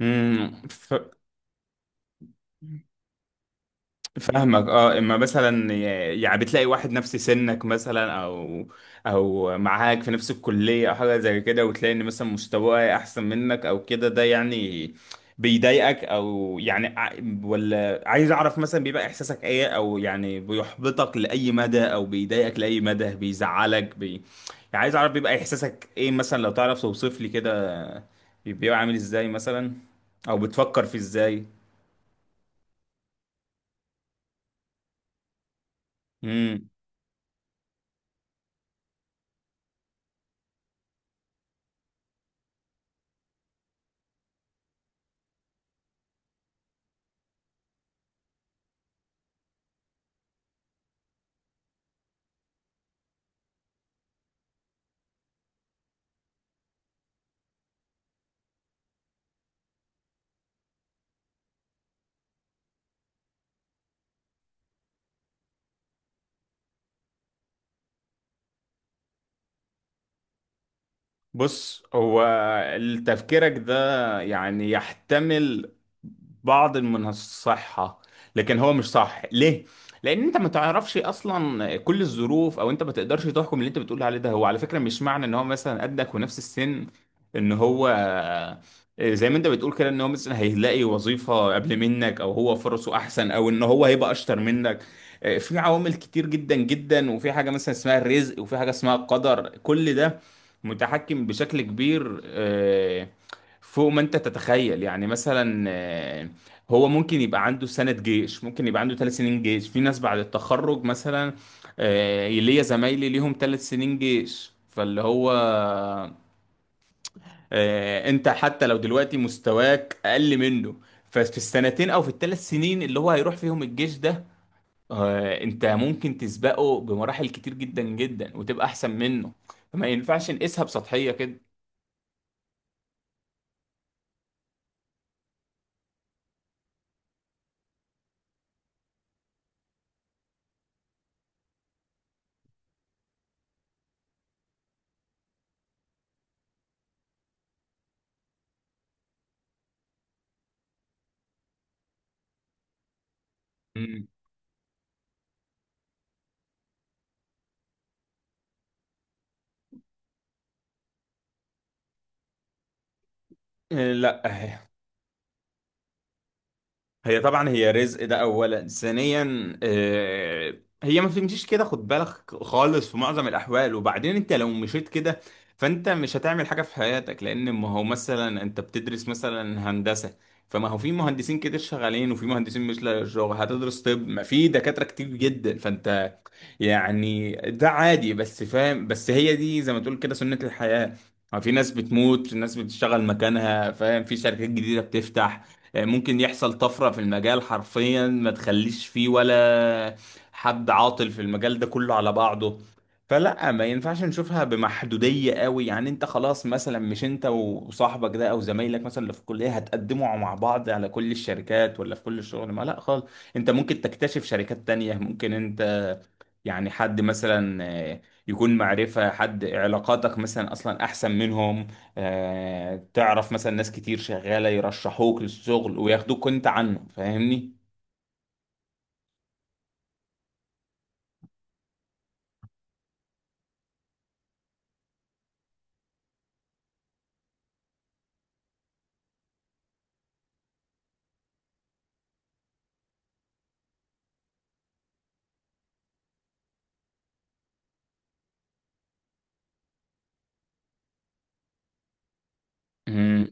امم ف... فاهمك اه، اما مثلا يعني بتلاقي واحد نفس سنك مثلا، او معاك في نفس الكلية او حاجة زي كده، وتلاقي ان مثلا مستواه احسن منك او كده، ده يعني بيضايقك، او يعني ولا عايز اعرف مثلا بيبقى احساسك ايه، او يعني بيحبطك لاي مدى، او بيضايقك لاي مدى، بيزعلك يعني عايز اعرف بيبقى احساسك ايه مثلا، لو تعرف توصف لي كده. بيبقى عامل ازاي مثلا، او بتفكر في ازاي؟ بص، هو تفكيرك ده يعني يحتمل بعض من الصحة، لكن هو مش صح، ليه؟ لأن أنت ما تعرفش أصلا كل الظروف، أو أنت ما تقدرش تحكم اللي أنت بتقول عليه ده. هو على فكرة مش معنى إن هو مثلا قدك ونفس السن، إن هو، زي ما أنت بتقول كده، إن هو مثلا هيلاقي وظيفة قبل منك، أو هو فرصه أحسن، أو إن هو هيبقى أشطر منك. في عوامل كتير جدا جدا، وفي حاجة مثلا اسمها الرزق، وفي حاجة اسمها القدر، كل ده متحكم بشكل كبير فوق ما انت تتخيل. يعني مثلا هو ممكن يبقى عنده سنة جيش، ممكن يبقى عنده ثلاث سنين جيش. في ناس بعد التخرج مثلا ليا زمايلي ليهم ثلاث سنين جيش. فاللي هو انت حتى لو دلوقتي مستواك اقل منه، ففي السنتين او في الثلاث سنين اللي هو هيروح فيهم الجيش ده انت ممكن تسبقه بمراحل كتير جدا جدا، وتبقى احسن منه. فما ينفعش نقيسها بسطحية كده. لا، هي طبعا هي رزق، ده اولا. ثانيا هي ما بتمشيش كده، خد بالك خالص، في معظم الاحوال. وبعدين انت لو مشيت كده فانت مش هتعمل حاجه في حياتك، لان ما هو مثلا انت بتدرس مثلا هندسه، فما هو في مهندسين كتير شغالين وفي مهندسين مش لاقي شغل. هتدرس طب، ما في دكاتره كتير جدا. فانت يعني ده عادي. بس فاهم، بس هي دي زي ما تقول كده سنة الحياة. يعني في ناس بتموت، في ناس بتشتغل مكانها، فاهم؟ في شركات جديدة بتفتح، ممكن يحصل طفرة في المجال حرفيا ما تخليش فيه ولا حد عاطل في المجال ده كله على بعضه. فلا، ما ينفعش نشوفها بمحدودية قوي. يعني انت خلاص مثلا، مش انت وصاحبك ده او زمايلك مثلا اللي في الكلية هتقدموا مع بعض على كل الشركات، ولا في كل الشغل، ما لا خالص. انت ممكن تكتشف شركات تانية، ممكن انت يعني حد مثلا آه، يكون معرفة، حد، علاقاتك مثلا أصلا أحسن منهم. تعرف مثلا ناس كتير شغالة يرشحوك للشغل وياخدوك أنت عنه، فاهمني؟ مم.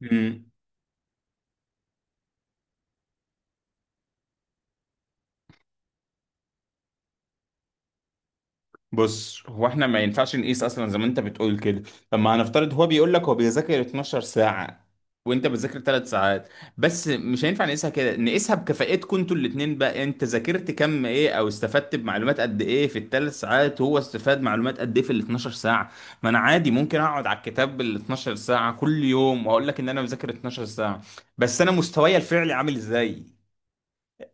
مم. بص، هو احنا ما ينفعش نقيس اصلا زي ما انت بتقول كده، لما هنفترض هو بيقول لك هو بيذاكر 12 ساعة وانت بتذاكر 3 ساعات. بس مش هينفع نقيسها كده، نقيسها بكفاءتكم انتوا الاتنين. بقى انت ذاكرت كم ايه، او استفدت بمعلومات قد ايه في الثلاث ساعات، وهو استفاد معلومات قد ايه في ال 12 ساعة. ما انا عادي ممكن اقعد على الكتاب بال 12 ساعة كل يوم واقول لك ان انا بذاكر 12 ساعة، بس انا مستواي الفعلي عامل ازاي؟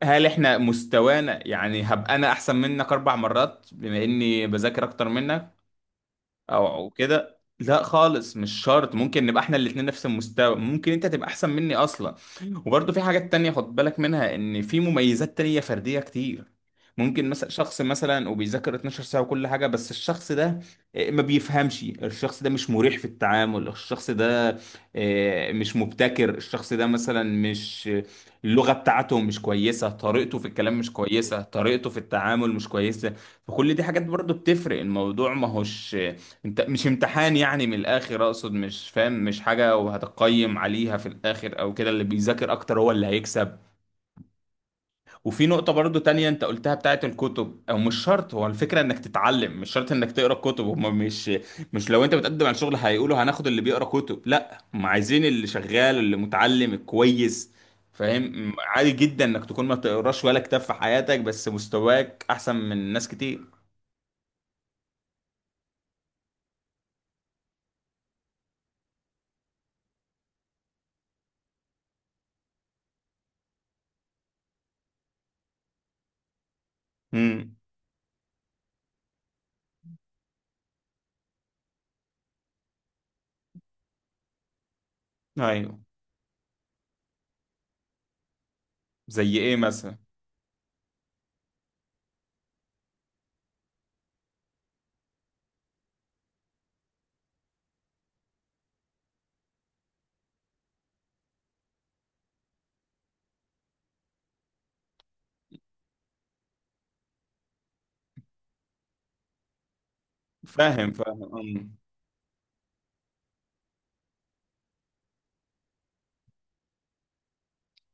هل احنا مستوانا، يعني هبقى انا احسن منك اربع مرات بما اني بذاكر اكتر منك، او كده؟ لا خالص، مش شرط. ممكن نبقى احنا الاتنين نفس المستوى، ممكن انت تبقى احسن مني اصلا. وبرضه في حاجات تانية خد بالك منها، ان في مميزات تانية فردية كتير. ممكن مثلا شخص مثلا وبيذاكر 12 ساعة وكل حاجة، بس الشخص ده ما بيفهمش. الشخص ده مش مريح في التعامل. الشخص ده مش مبتكر. الشخص ده مثلا مش اللغة بتاعته مش كويسة، طريقته في الكلام مش كويسة، طريقته في التعامل مش كويسة. فكل دي حاجات برضه بتفرق. الموضوع ما هوش... انت مش امتحان يعني، من الاخر اقصد، مش فاهم، مش حاجة وهتقيم عليها في الاخر او كده اللي بيذاكر اكتر هو اللي هيكسب. وفي نقطة برضو تانية انت قلتها بتاعت الكتب او. مش شرط، هو الفكرة انك تتعلم، مش شرط انك تقرا كتب. هما مش لو انت بتقدم على شغل هيقولوا هناخد اللي بيقرا كتب، لا، هم عايزين اللي شغال، اللي متعلم الكويس، فاهم؟ عادي جدا انك تكون ما تقراش ولا كتاب في حياتك بس مستواك احسن من ناس كتير. امم. ايوه. زي ايه مثلا؟ فاهم فاهم. أمم.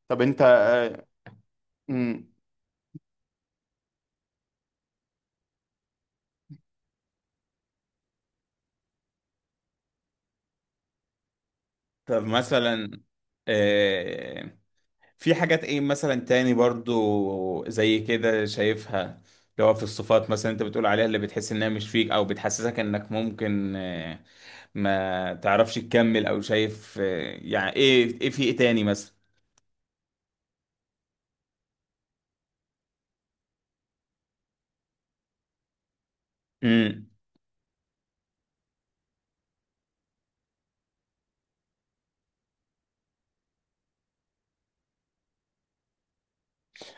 طب انت مم. طب مثلا آه، في حاجات ايه مثلا تاني برضو زي كده شايفها؟ اللي هو في الصفات مثلا انت بتقول عليها، اللي بتحس انها مش فيك، او بتحسسك انك ممكن ما تعرفش تكمل، او شايف يعني ايه، ايه، في ايه تاني مثلا؟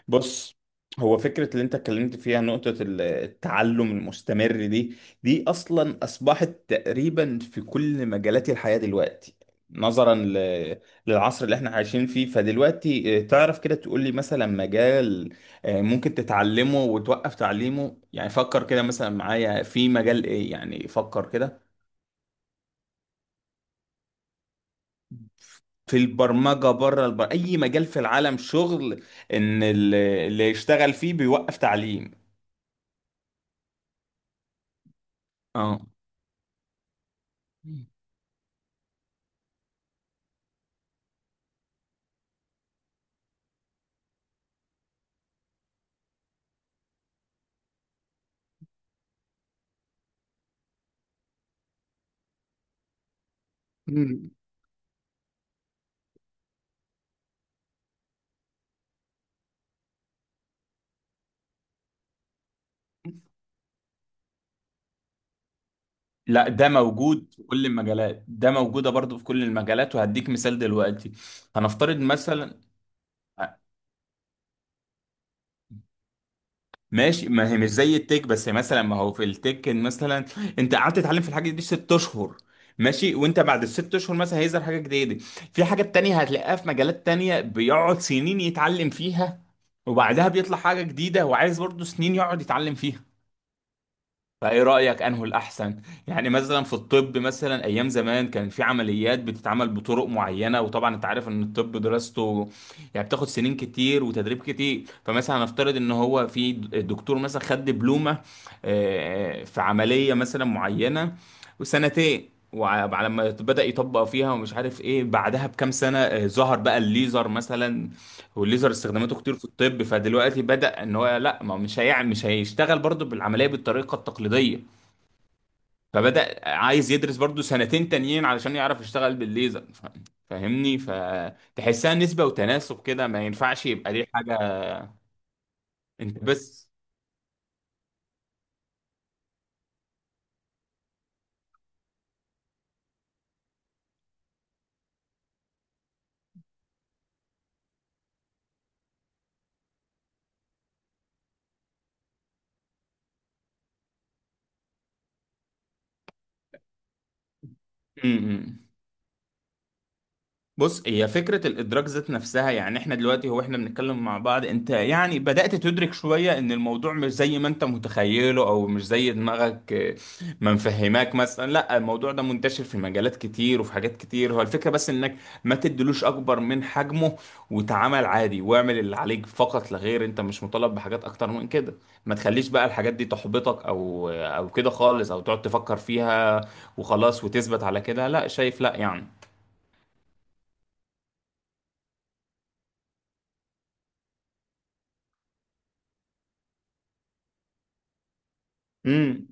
بص، هو فكرة اللي انت اتكلمت فيها نقطة التعلم المستمر دي، دي اصلا اصبحت تقريبا في كل مجالات الحياة دلوقتي، نظرا للعصر اللي احنا عايشين فيه. فدلوقتي تعرف كده، تقول لي مثلا مجال اه، ممكن تتعلمه وتوقف تعليمه؟ يعني فكر كده مثلا معايا، في مجال ايه؟ يعني فكر كده. في البرمجة، بره اي مجال في العالم، شغل ان اللي يشتغل فيه بيوقف تعليم؟ اه، لا، ده موجود في كل المجالات، ده موجودة برضو في كل المجالات. وهديك مثال دلوقتي، هنفترض مثلا. ماشي، ما هي مش زي التك، بس مثلا ما هو في التك إن مثلا انت قعدت تتعلم في الحاجة دي ست اشهر، ماشي، وانت بعد الست اشهر مثلا هيظهر حاجة جديدة. في حاجة تانية هتلاقيها في مجالات تانية، بيقعد سنين يتعلم فيها، وبعدها بيطلع حاجة جديدة وعايز برضو سنين يقعد يتعلم فيها. فايه رايك، انه الاحسن؟ يعني مثلا في الطب، مثلا ايام زمان كان في عمليات بتتعمل بطرق معينه، وطبعا انت عارف ان الطب دراسته يعني بتاخد سنين كتير وتدريب كتير. فمثلا هنفترض ان هو في دكتور مثلا خد دبلومه في عمليه مثلا معينه، وسنتين، وعلى ما بدأ يطبق فيها ومش عارف ايه، بعدها بكام سنة ظهر بقى الليزر مثلا. والليزر استخداماته كتير في الطب، فدلوقتي بدأ ان هو لا، ما هو مش مش هيشتغل برضه بالعمليه بالطريقه التقليديه. فبدأ عايز يدرس برضه سنتين تانيين علشان يعرف يشتغل بالليزر. فاهمني؟ فتحسها نسبه وتناسب كده، ما ينفعش يبقى دي حاجه. انت بس... م- م. بص، هي فكرة الإدراك ذات نفسها. يعني إحنا دلوقتي، هو إحنا بنتكلم مع بعض، أنت يعني بدأت تدرك شوية إن الموضوع مش زي ما أنت متخيله، أو مش زي دماغك ما مفهماك. مثلا لا، الموضوع ده منتشر في مجالات كتير وفي حاجات كتير. هو الفكرة بس إنك ما تدلوش أكبر من حجمه، وتعامل عادي واعمل اللي عليك فقط لا غير. أنت مش مطالب بحاجات أكتر من كده. ما تخليش بقى الحاجات دي تحبطك أو كده خالص، أو تقعد تفكر فيها وخلاص وتثبت على كده. لا، شايف؟ لا يعني. مم.